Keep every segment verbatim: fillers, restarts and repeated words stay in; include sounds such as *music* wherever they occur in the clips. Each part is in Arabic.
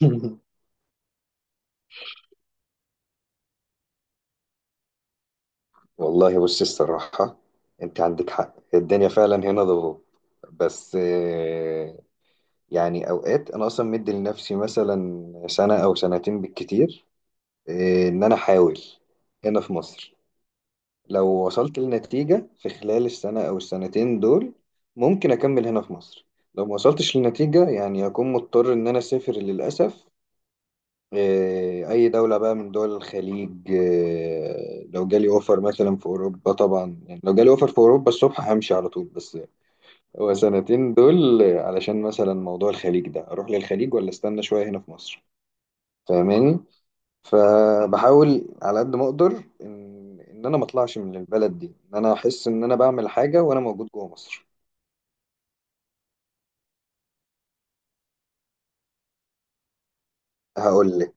*laughs* والله، بص الصراحة، انت عندك حق. الدنيا فعلا هنا ضغوط. بس آه، يعني اوقات انا اصلا مدي لنفسي مثلا سنة او سنتين بالكتير. آه، ان انا احاول هنا في مصر. لو وصلت لنتيجة في خلال السنة او السنتين دول، ممكن اكمل هنا في مصر. لو ما وصلتش لنتيجة، يعني هكون مضطر ان انا اسافر للأسف. آه، أي دولة بقى من دول الخليج. آه، لو جالي أوفر مثلا في أوروبا، طبعا يعني لو جالي أوفر في أوروبا الصبح همشي على طول. بس هو سنتين دول آه، علشان مثلا موضوع الخليج ده، أروح للخليج ولا استنى شوية هنا في مصر؟ فاهماني؟ فبحاول على قد ما أقدر إن إن أنا ما أطلعش من البلد دي، إن أنا أحس إن أنا بعمل حاجة وأنا موجود جوه مصر. هقول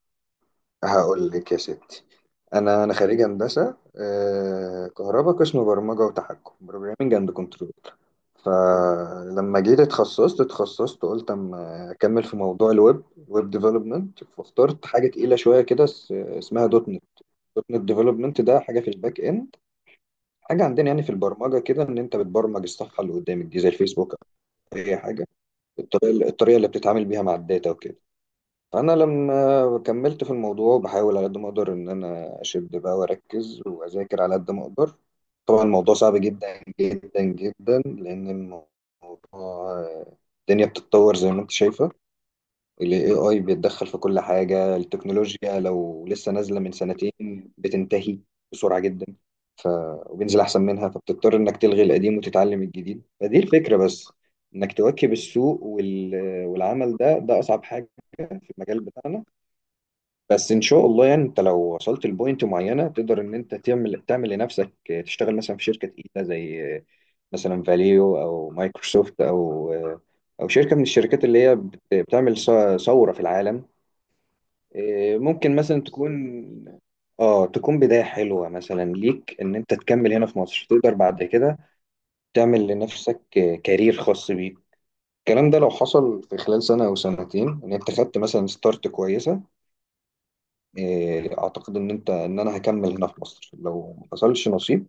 هقول لك يا ستي. انا انا خريج هندسه آه، كهرباء، قسم برمجه وتحكم، بروجرامنج اند كنترول. فلما جيت اتخصصت اتخصصت، قلت اما اكمل في موضوع الويب، ويب ديفلوبمنت. فاخترت حاجه تقيله شويه كده اس- اسمها دوت نت. دوت نت ديفلوبمنت ده حاجه في الباك اند، حاجه عندنا يعني في البرمجه كده، ان انت بتبرمج الصفحه اللي قدامك دي زي الفيسبوك او اي حاجه. الطريقه الطريقه اللي بتتعامل بيها مع الداتا وكده. انا لما كملت في الموضوع بحاول على قد ما اقدر ان انا اشد بقى واركز واذاكر على قد ما اقدر. طبعا الموضوع صعب جدا جدا جدا، لان الموضوع، الدنيا بتتطور زي ما انت شايفه. ال إيه آي بيتدخل في كل حاجة. التكنولوجيا لو لسه نازلة من سنتين بتنتهي بسرعة جدا. ف... وبينزل أحسن منها، فبتضطر إنك تلغي القديم وتتعلم الجديد. فدي الفكرة، بس إنك تواكب السوق وال... والعمل ده ده أصعب حاجة في المجال بتاعنا. بس ان شاء الله يعني انت لو وصلت لبوينت معينه تقدر ان انت تعمل تعمل لنفسك. تشتغل مثلا في شركه تقيله زي مثلا فاليو او مايكروسوفت او او شركه من الشركات اللي هي بت- بتعمل ث- ثوره في العالم. ممكن مثلا تكون اه تكون بدايه حلوه مثلا ليك ان انت تكمل هنا في مصر، تقدر بعد كده تعمل لنفسك كارير خاص بيك. الكلام ده لو حصل في خلال سنه او سنتين ان انت خدت مثلا ستارت كويسه، إيه، اعتقد ان انت ان انا هكمل هنا في مصر. لو ما حصلش نصيب،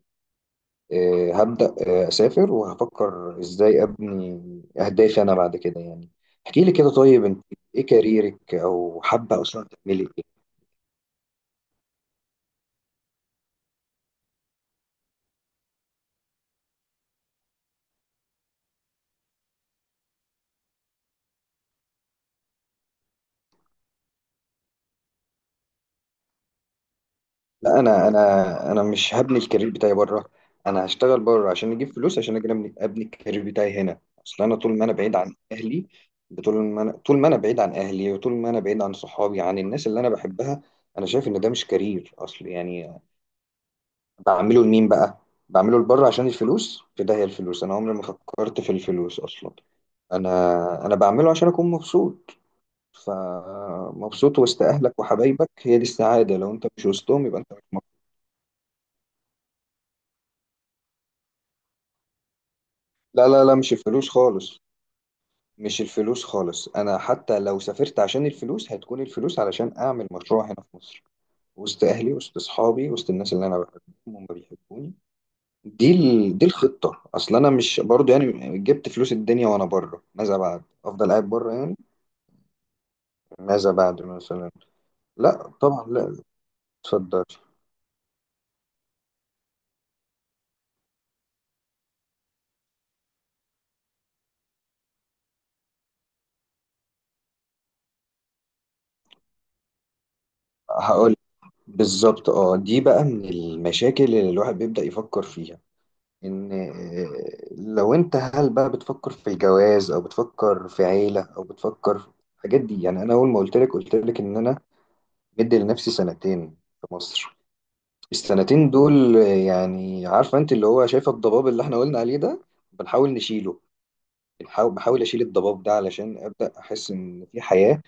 إيه، هبدا، إيه، اسافر وهفكر ازاي ابني اهدافي انا بعد كده يعني. احكي لي كده. طيب انت ايه كاريرك، او حابه اصلا تعملي ايه؟ لا انا انا انا مش هبني الكارير بتاعي بره. انا هشتغل بره عشان اجيب فلوس عشان اجي ابني أبني الكارير بتاعي هنا. اصل انا طول ما انا بعيد عن اهلي، طول ما انا طول ما انا بعيد عن اهلي، وطول ما انا بعيد عن صحابي، عن الناس اللي انا بحبها، انا شايف ان ده مش كارير اصل يعني. بعمله لمين بقى؟ بعمله لبره عشان الفلوس، في داهية الفلوس، انا عمري ما فكرت في الفلوس اصلا. انا انا بعمله عشان اكون مبسوط. فمبسوط وسط اهلك وحبايبك هي دي السعادة. لو انت مش وسطهم يبقى انت مش مبسوط. لا، لا، لا، مش الفلوس خالص. مش الفلوس خالص. انا حتى لو سافرت عشان الفلوس، هتكون الفلوس علشان اعمل مشروع هنا في مصر، وسط اهلي، وسط اصحابي، وسط الناس اللي انا بحبهم وما بيحبوني. دي ال... دي الخطة. اصل انا مش برضو يعني جبت فلوس الدنيا وانا بره، ماذا بعد؟ افضل قاعد بره يعني؟ ماذا بعد مثلا؟ لا طبعا، لا، اتفضل. هقول. بالظبط اه. دي بقى من المشاكل اللي الواحد بيبدأ يفكر فيها، ان آه، لو انت، هل بقى بتفكر في الجواز او بتفكر في عيلة او بتفكر في الحاجات دي. يعني انا اول ما قلت لك قلت لك ان انا مدي لنفسي سنتين في مصر. السنتين دول يعني، عارفه انت اللي هو شايفه الضباب اللي احنا قلنا عليه ده، بنحاول نشيله. بنحاول بحاول اشيل الضباب ده علشان ابدا احس ان في حياه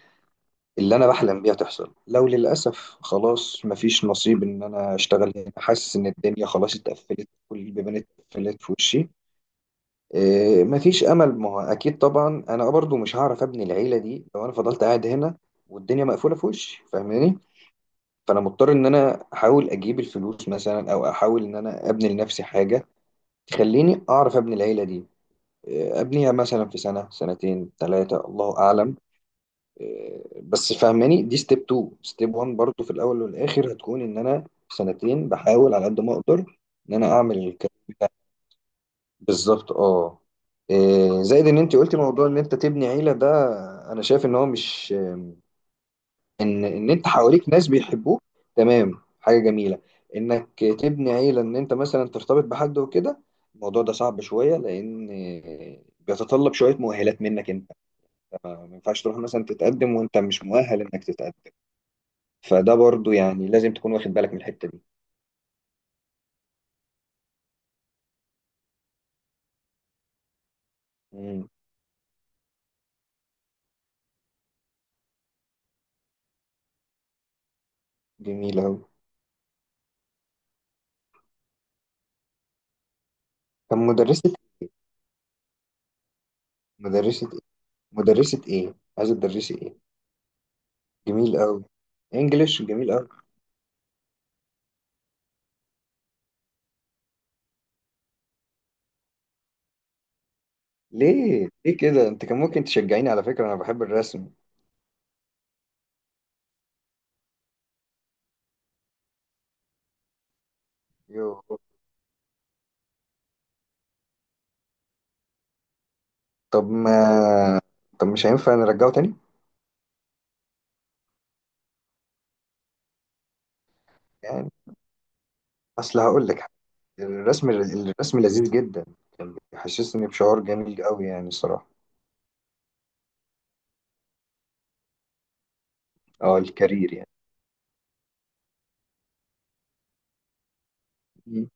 اللي انا بحلم بيها تحصل. لو للاسف خلاص مفيش نصيب ان انا اشتغل هنا، حاسس ان الدنيا خلاص اتقفلت، كل البيبان اتقفلت في وشي، إيه، مفيش امل. ما هو اكيد طبعا انا برضو مش هعرف ابني العيله دي لو انا فضلت قاعد هنا والدنيا مقفوله في وشي. فاهماني؟ فانا مضطر ان انا احاول اجيب الفلوس مثلا، او احاول ان انا ابني لنفسي حاجه تخليني اعرف ابني العيله دي. آه، ابنيها مثلا في سنه، سنتين، ثلاثه، الله اعلم. آه، بس فهماني، دي ستيب اتنين، ستيب واحد برضو في الاول والاخر، هتكون ان انا في سنتين بحاول على قد ما اقدر ان انا اعمل الكلام ده. بالظبط اه. آه، زائد ان انت قلتي موضوع ان انت تبني عيله ده، انا شايف ان هو مش، ان ان انت حواليك ناس بيحبوك، تمام، حاجه جميله انك تبني عيله ان انت مثلا ترتبط بحد وكده. الموضوع ده صعب شويه، لان بيتطلب شويه مؤهلات منك انت. ما ينفعش تروح مثلا تتقدم وانت مش مؤهل انك تتقدم. فده برضو يعني لازم تكون واخد بالك من الحته دي. امم جميل قوي. طب مدرسه، مدرسه ايه؟ مدرسه ايه عايزه تدرسي ايه؟ جميل قوي. انجليش، جميل قوي. ليه ليه كده انت؟ كان ممكن تشجعيني على فكره، انا بحب الرسم. يو. طب ما طب مش هينفع نرجعه تاني يعني؟ اصل هقول لك حاجة، الرسم الرسم لذيذ جدا. كان بيحسسني بشعور جميل قوي يعني الصراحه. اه، الكارير يعني. مم.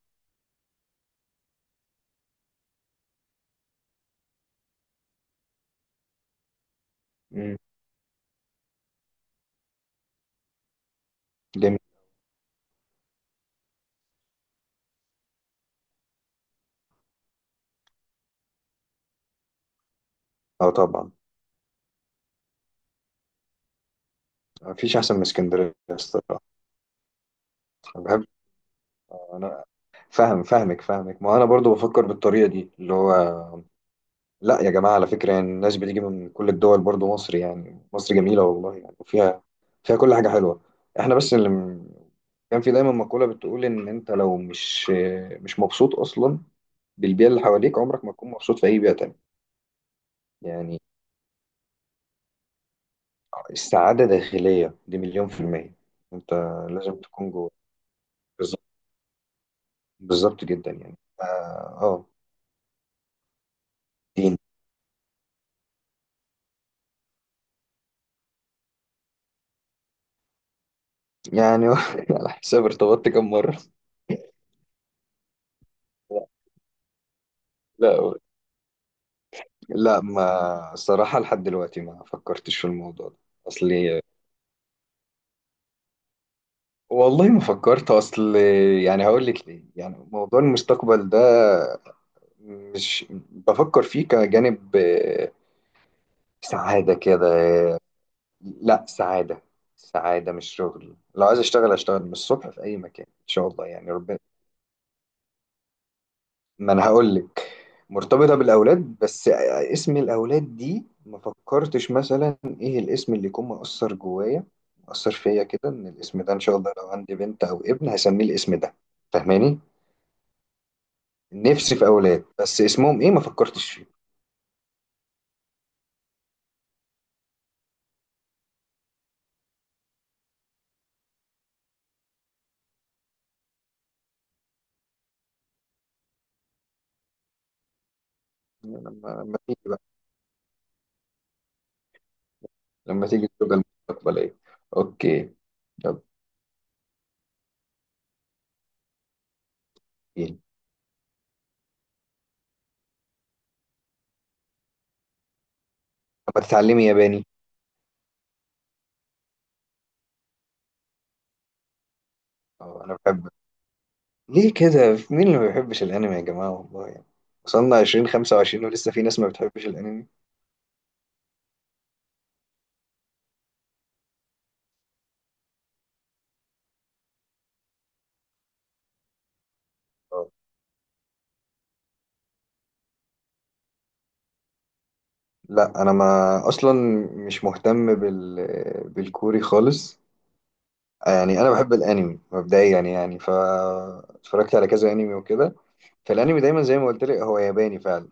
مم. جميل. اه طبعا، مفيش احسن من اسكندريه الصراحه. انا بحب. انا فاهم، فاهمك فاهمك. ما انا برضو بفكر بالطريقه دي اللي هو. لا يا جماعة، على فكرة يعني الناس بتيجي من كل الدول برضو مصر، يعني مصر جميلة والله يعني، وفيها فيها كل حاجة حلوة. احنا بس اللي م- كان في دايما مقولة بتقول ان انت لو مش مش مبسوط اصلا بالبيئة اللي حواليك، عمرك ما تكون مبسوط في اي بيئة تانية. يعني السعادة داخلية، دي مليون في المية. انت لازم تكون جوه. بالظبط. بالظبط جدا يعني اه. آه، دين يعني. *laughs* على حساب ارتبطت كم مرة؟ لا، لا، لا، ما صراحة لحد دلوقتي ما فكرتش في الموضوع ده. اصلي والله ما فكرت، اصل يعني هقول لك ليه. يعني موضوع المستقبل ده مش بفكر فيه كجانب آه، سعادة كده. لا سعادة. سعادة مش شغل. لو عايز اشتغل اشتغل من الصبح في اي مكان ان شاء الله يعني ربنا. ما انا هقول لك. مرتبطه بالاولاد بس اسم الاولاد دي ما فكرتش مثلا ايه الاسم اللي يكون مؤثر جوايا، مؤثر فيا كده، ان الاسم ده ان شاء الله لو عندي بنت او ابن هسميه الاسم ده. فاهماني؟ نفسي في اولاد، بس اسمهم ايه ما فكرتش فيه. لما لما تيجي بقى، لما تيجي الزوجه المستقبليه. اوكي، طب. ايه؟ طب هتتعلمي ياباني؟ اه انا بحب. ليه كده؟ مين اللي ما بيحبش الانمي يا جماعه والله يعني. وصلنا الفين وخمسة وعشرين ولسه في ناس ما بتحبش الانمي آه. لا انا، ما اصلا مش مهتم بال بالكوري خالص. يعني انا بحب الانمي مبدئيا، يعني يعني ف اتفرجت على كذا انمي وكده. فالانمي دايما زي ما قلت لك هو ياباني فعلا.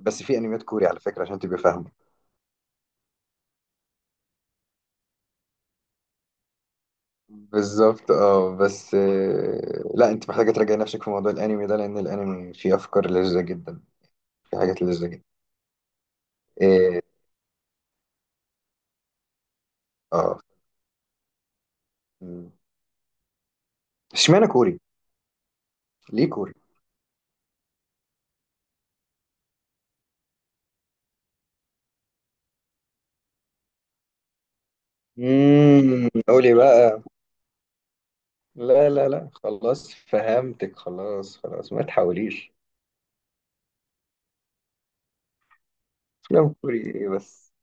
بس في انميات كوري على فكره عشان تبقى فاهمه. بالظبط اه، بس آه، لا انت محتاجه تراجعي نفسك في موضوع الانمي ده، لان الانمي فيه افكار لذيذه جدا. في حاجات لذيذه جدا اه. آه. اشمعنى كوري؟ ليه كوري؟ امم قولي بقى. لا، لا، لا، خلاص فهمتك، خلاص خلاص، ما تحاوليش. *laughs* افلام كوري ايه بس؟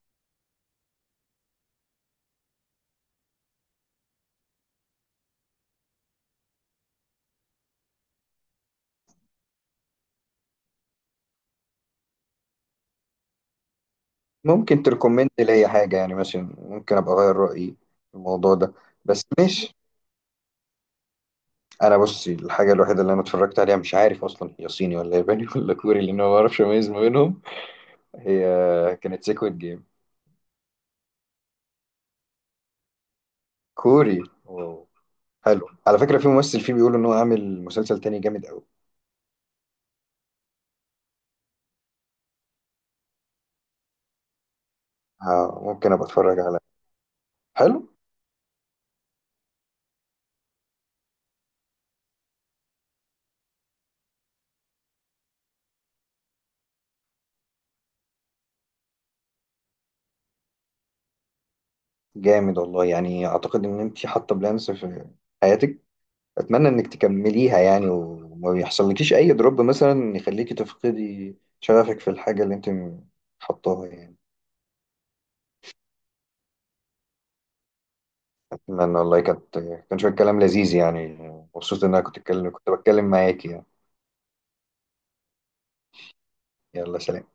ممكن تركومنت ليا حاجه يعني ماشي، ممكن ابقى اغير رايي في الموضوع ده. بس ماشي. انا بصي، الحاجه الوحيده اللي انا اتفرجت عليها مش عارف اصلا هي صيني ولا ياباني *laughs* ولا كوري، لان أنا ما بعرفش اميز ما بينهم. هي كانت سيكويد جيم. كوري. واو. حلو على فكره. في ممثل فيه بيقول ان هو عامل مسلسل تاني جامد قوي. آه، ممكن ابقى اتفرج على. حلو جامد. والله يعني اعتقد ان انت حاطه بلانس في حياتك. اتمنى انك تكمليها يعني، وما يحصلكيش اي دروب مثلا يخليكي تفقدي شغفك في الحاجه اللي انت حطاها يعني. اتمنى والله، كانت كان شويه كلام لذيذ يعني. مبسوط ان انا كنت اتكلم كنت بتكلم معاكي يعني. يلا سلام.